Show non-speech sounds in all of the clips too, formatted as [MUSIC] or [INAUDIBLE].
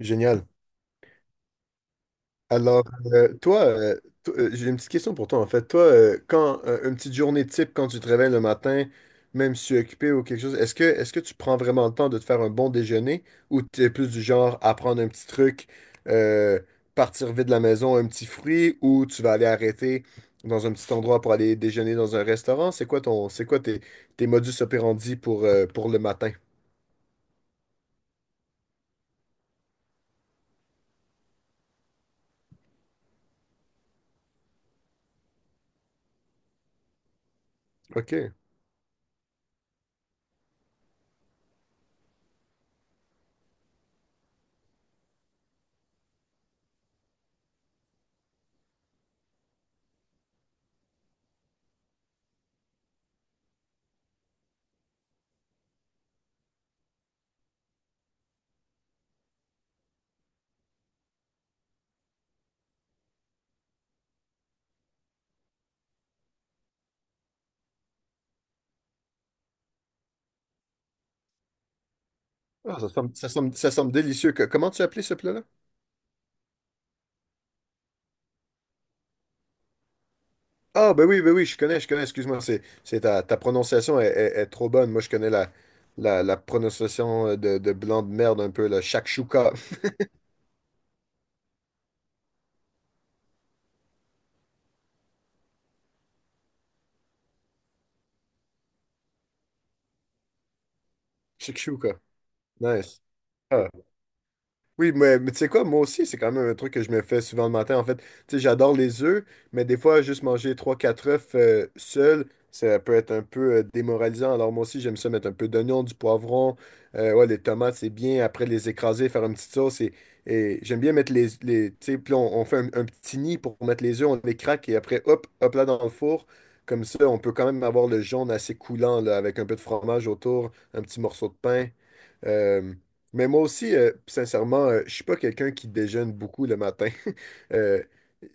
Génial. Alors, j'ai une petite question pour toi, en fait. Toi, quand une petite journée type, quand tu te réveilles le matin, même si tu es occupé ou quelque chose, est-ce que tu prends vraiment le temps de te faire un bon déjeuner ou tu es plus du genre à prendre un petit truc, euh, partir vite de la maison, un petit fruit ou tu vas aller arrêter dans un petit endroit pour aller déjeuner dans un restaurant? C'est quoi tes modus operandi pour le matin? OK. Ah, ça semble délicieux. Comment tu as appelé ce plat-là? Ah, ben oui, je connais, excuse-moi, c'est ta prononciation est trop bonne. Moi, je connais la prononciation de blanc de merde un peu, le shakshuka. [LAUGHS] Shakshuka, nice. Ah, oui, mais tu sais quoi, moi aussi, c'est quand même un truc que je me fais souvent le matin. En fait, tu sais, j'adore les œufs, mais des fois, juste manger trois quatre œufs seuls, ça peut être un peu démoralisant. Alors, moi aussi, j'aime ça mettre un peu d'oignon, du poivron. Ouais, les tomates, c'est bien. Après, les écraser, faire une petite sauce. Et j'aime bien mettre les tu sais, puis on fait un petit nid pour mettre les œufs, on les craque et après, hop, hop là dans le four. Comme ça, on peut quand même avoir le jaune assez coulant, là, avec un peu de fromage autour, un petit morceau de pain. Euh, mais moi aussi, sincèrement, je suis pas quelqu'un qui déjeune beaucoup le matin. [LAUGHS] Euh,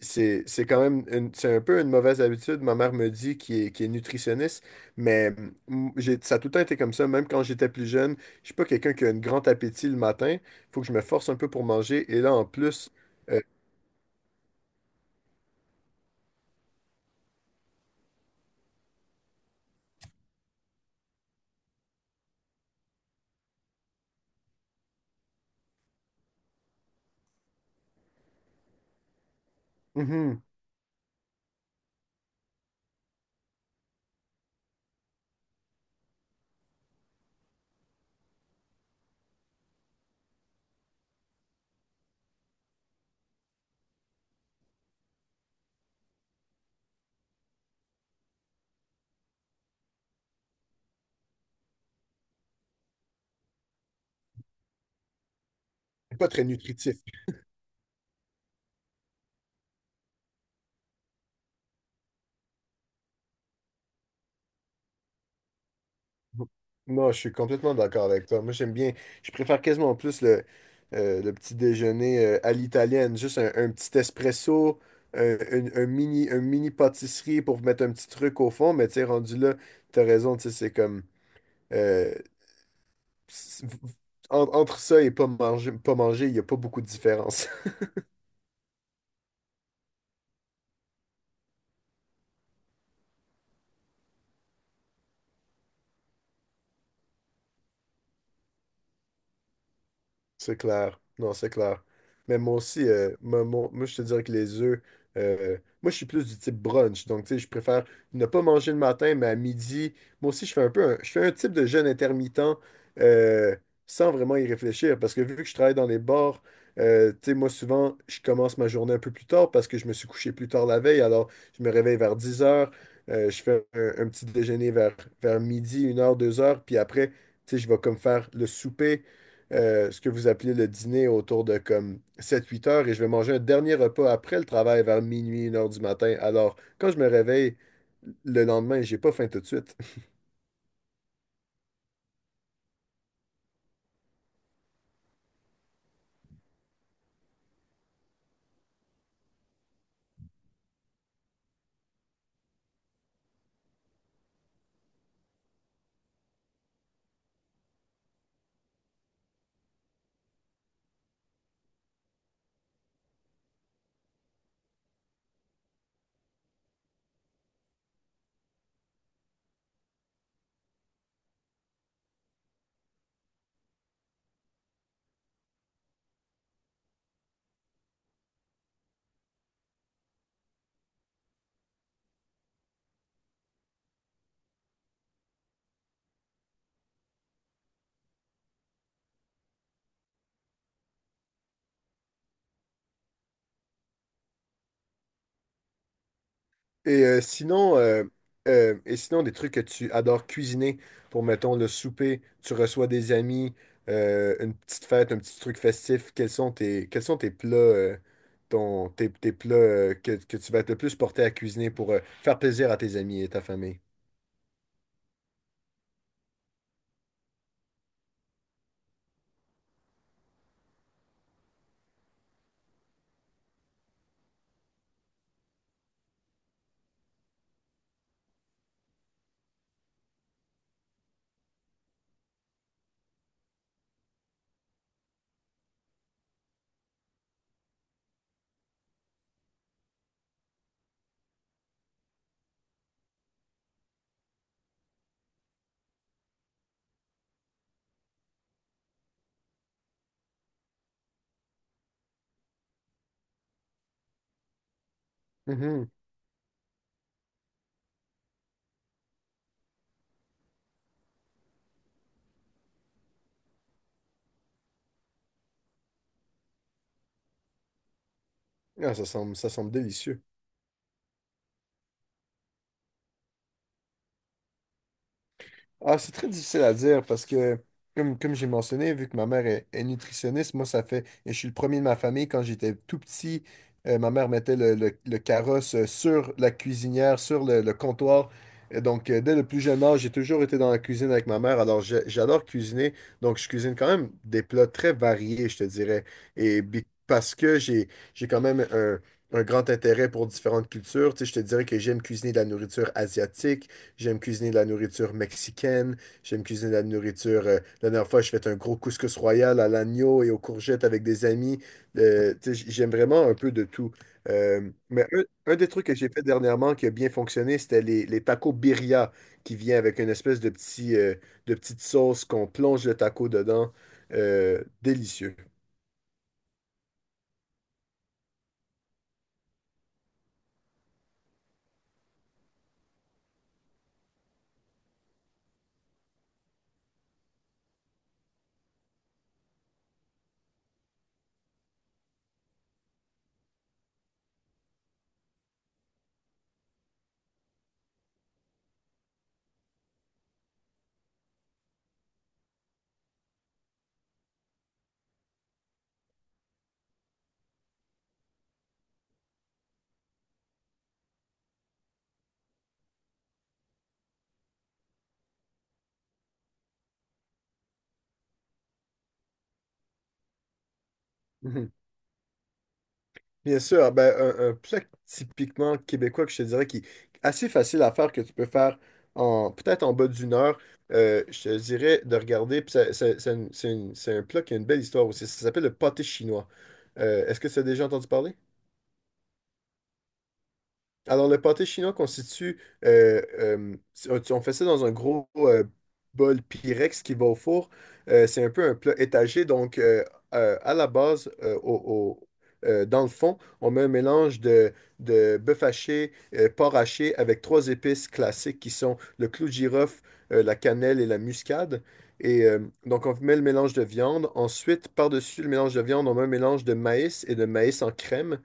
c'est quand même c'est un peu une mauvaise habitude. Ma mère me dit qui est nutritionniste, mais ça a tout le temps été comme ça. Même quand j'étais plus jeune, je suis pas quelqu'un qui a un grand appétit le matin. Faut que je me force un peu pour manger. Et là, en plus, mhm, c'est pas très nutritif. Non, je suis complètement d'accord avec toi. Moi, je préfère quasiment plus le petit déjeuner à l'italienne. Juste un petit espresso, un mini pâtisserie pour mettre un petit truc au fond. Mais tu sais, rendu là, t'as raison, tu sais, c'est comme... euh, c'est- en- entre ça et pas manger, pas manger, il n'y a pas beaucoup de différence. C'est clair. Non, c'est clair. Mais moi aussi, moi, je te dirais que les œufs, euh, moi, je suis plus du type brunch. Donc, tu sais, je préfère ne pas manger le matin, mais à midi. Moi aussi, je fais un peu je fais un type de jeûne intermittent euh, sans vraiment y réfléchir. Parce que vu que je travaille dans les bars, tu sais, moi, souvent, je commence ma journée un peu plus tard parce que je me suis couché plus tard la veille. Alors, je me réveille vers 10 heures. Je fais un petit déjeuner vers midi, 1 heure, 2 heures. Puis après, tu sais, je vais comme faire le souper, ce que vous appelez le dîner autour de comme sept huit heures, et je vais manger un dernier repas après le travail vers minuit, 1 heure du matin. Alors, quand je me réveille le lendemain, j'ai pas faim tout de suite. [LAUGHS] Et euh, sinon, euh, sinon, des trucs que tu adores cuisiner pour, mettons, le souper, tu reçois des amis, une petite fête, un petit truc festif, quels sont tes plats, tes plats que tu vas être le plus porté à cuisiner pour faire plaisir à tes amis et ta famille? Mhm. Ah, ça semble délicieux. Ah, c'est très difficile à dire parce que, comme j'ai mentionné, vu que ma mère est nutritionniste, moi, ça fait. Et je suis le premier de ma famille. Quand j'étais tout petit, ma mère mettait le carrosse sur la cuisinière, sur le comptoir. Et donc, dès le plus jeune âge, j'ai toujours été dans la cuisine avec ma mère. Alors, j'adore cuisiner. Donc, je cuisine quand même des plats très variés, je te dirais. Parce que j'ai quand même un grand intérêt pour différentes cultures. Tu sais, je te dirais que j'aime cuisiner de la nourriture asiatique. J'aime cuisiner de la nourriture mexicaine. J'aime cuisiner de la nourriture. La dernière fois, je fait un gros couscous royal à l'agneau et aux courgettes avec des amis. Tu sais, j'aime vraiment un peu de tout. Mais un des trucs que j'ai fait dernièrement qui a bien fonctionné, c'était les tacos birria qui vient avec une espèce de petite sauce qu'on plonge le taco dedans. Délicieux. [LAUGHS] Bien sûr, ben, un plat typiquement québécois que je te dirais qui est assez facile à faire, que tu peux faire en peut-être en bas d'une heure, je te dirais de regarder, puis c'est un plat qui a une belle histoire aussi, ça s'appelle le pâté chinois. Est-ce que tu as déjà entendu parler? Alors, le pâté chinois constitue. Si on fait ça dans un gros bol Pyrex qui va au four. C'est un peu un plat étagé. Donc, à la base, dans le fond, on met un mélange de bœuf haché, porc haché, avec trois épices classiques qui sont le clou de girofle, la cannelle et la muscade. Et euh, donc, on met le mélange de viande. Ensuite, par-dessus le mélange de viande, on met un mélange de maïs et de maïs en crème,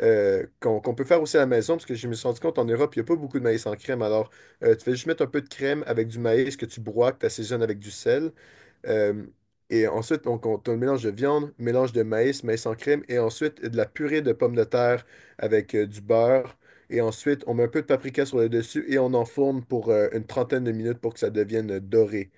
qu'on peut faire aussi à la maison, parce que je me suis rendu compte en Europe, il n'y a pas beaucoup de maïs en crème. Alors, tu fais juste mettre un peu de crème avec du maïs que tu broies, que tu assaisonnes avec du sel. Euh, et ensuite, t'as un mélange de viande, mélange de maïs, maïs en crème, et ensuite de la purée de pommes de terre avec du beurre. Et ensuite, on met un peu de paprika sur le dessus et on enfourne pour une trentaine de minutes pour que ça devienne doré.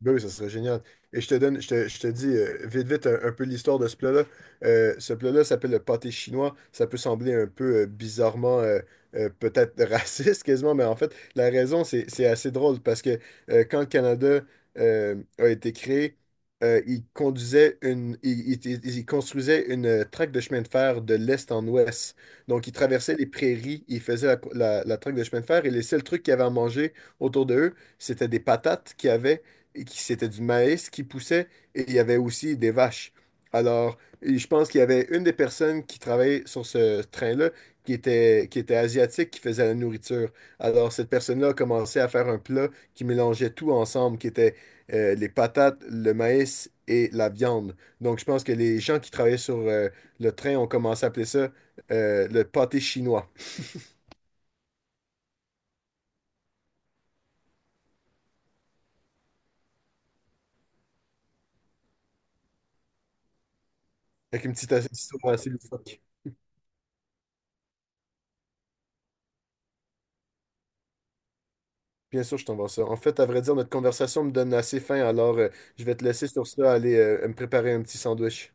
Ben oui, ça serait génial. Et je te donne, je te dis vite, vite un peu l'histoire de ce plat-là. Ce plat-là s'appelle le pâté chinois. Ça peut sembler un peu bizarrement, peut-être [LAUGHS] raciste quasiment, mais en fait, la raison, c'est assez drôle parce que quand le Canada a été créé, il il construisait une traque de chemin de fer de l'est en ouest. Donc, ils traversaient les prairies, ils faisaient la traque de chemin de fer et les seuls trucs qu'ils avaient à manger autour de eux, c'était des patates qu'ils avaient et c'était du maïs qui poussait et il y avait aussi des vaches. Alors, et je pense qu'il y avait une des personnes qui travaillait sur ce train-là qui était asiatique, qui faisait la nourriture. Alors, cette personne-là a commencé à faire un plat qui mélangeait tout ensemble, qui était les patates, le maïs et la viande. Donc, je pense que les gens qui travaillaient sur le train ont commencé à appeler ça le pâté chinois, avec une petite histoire assez loufoque. Bien sûr, je t'envoie ça. En fait, à vrai dire, notre conversation me donne assez faim, alors je vais te laisser sur ça aller me préparer un petit sandwich.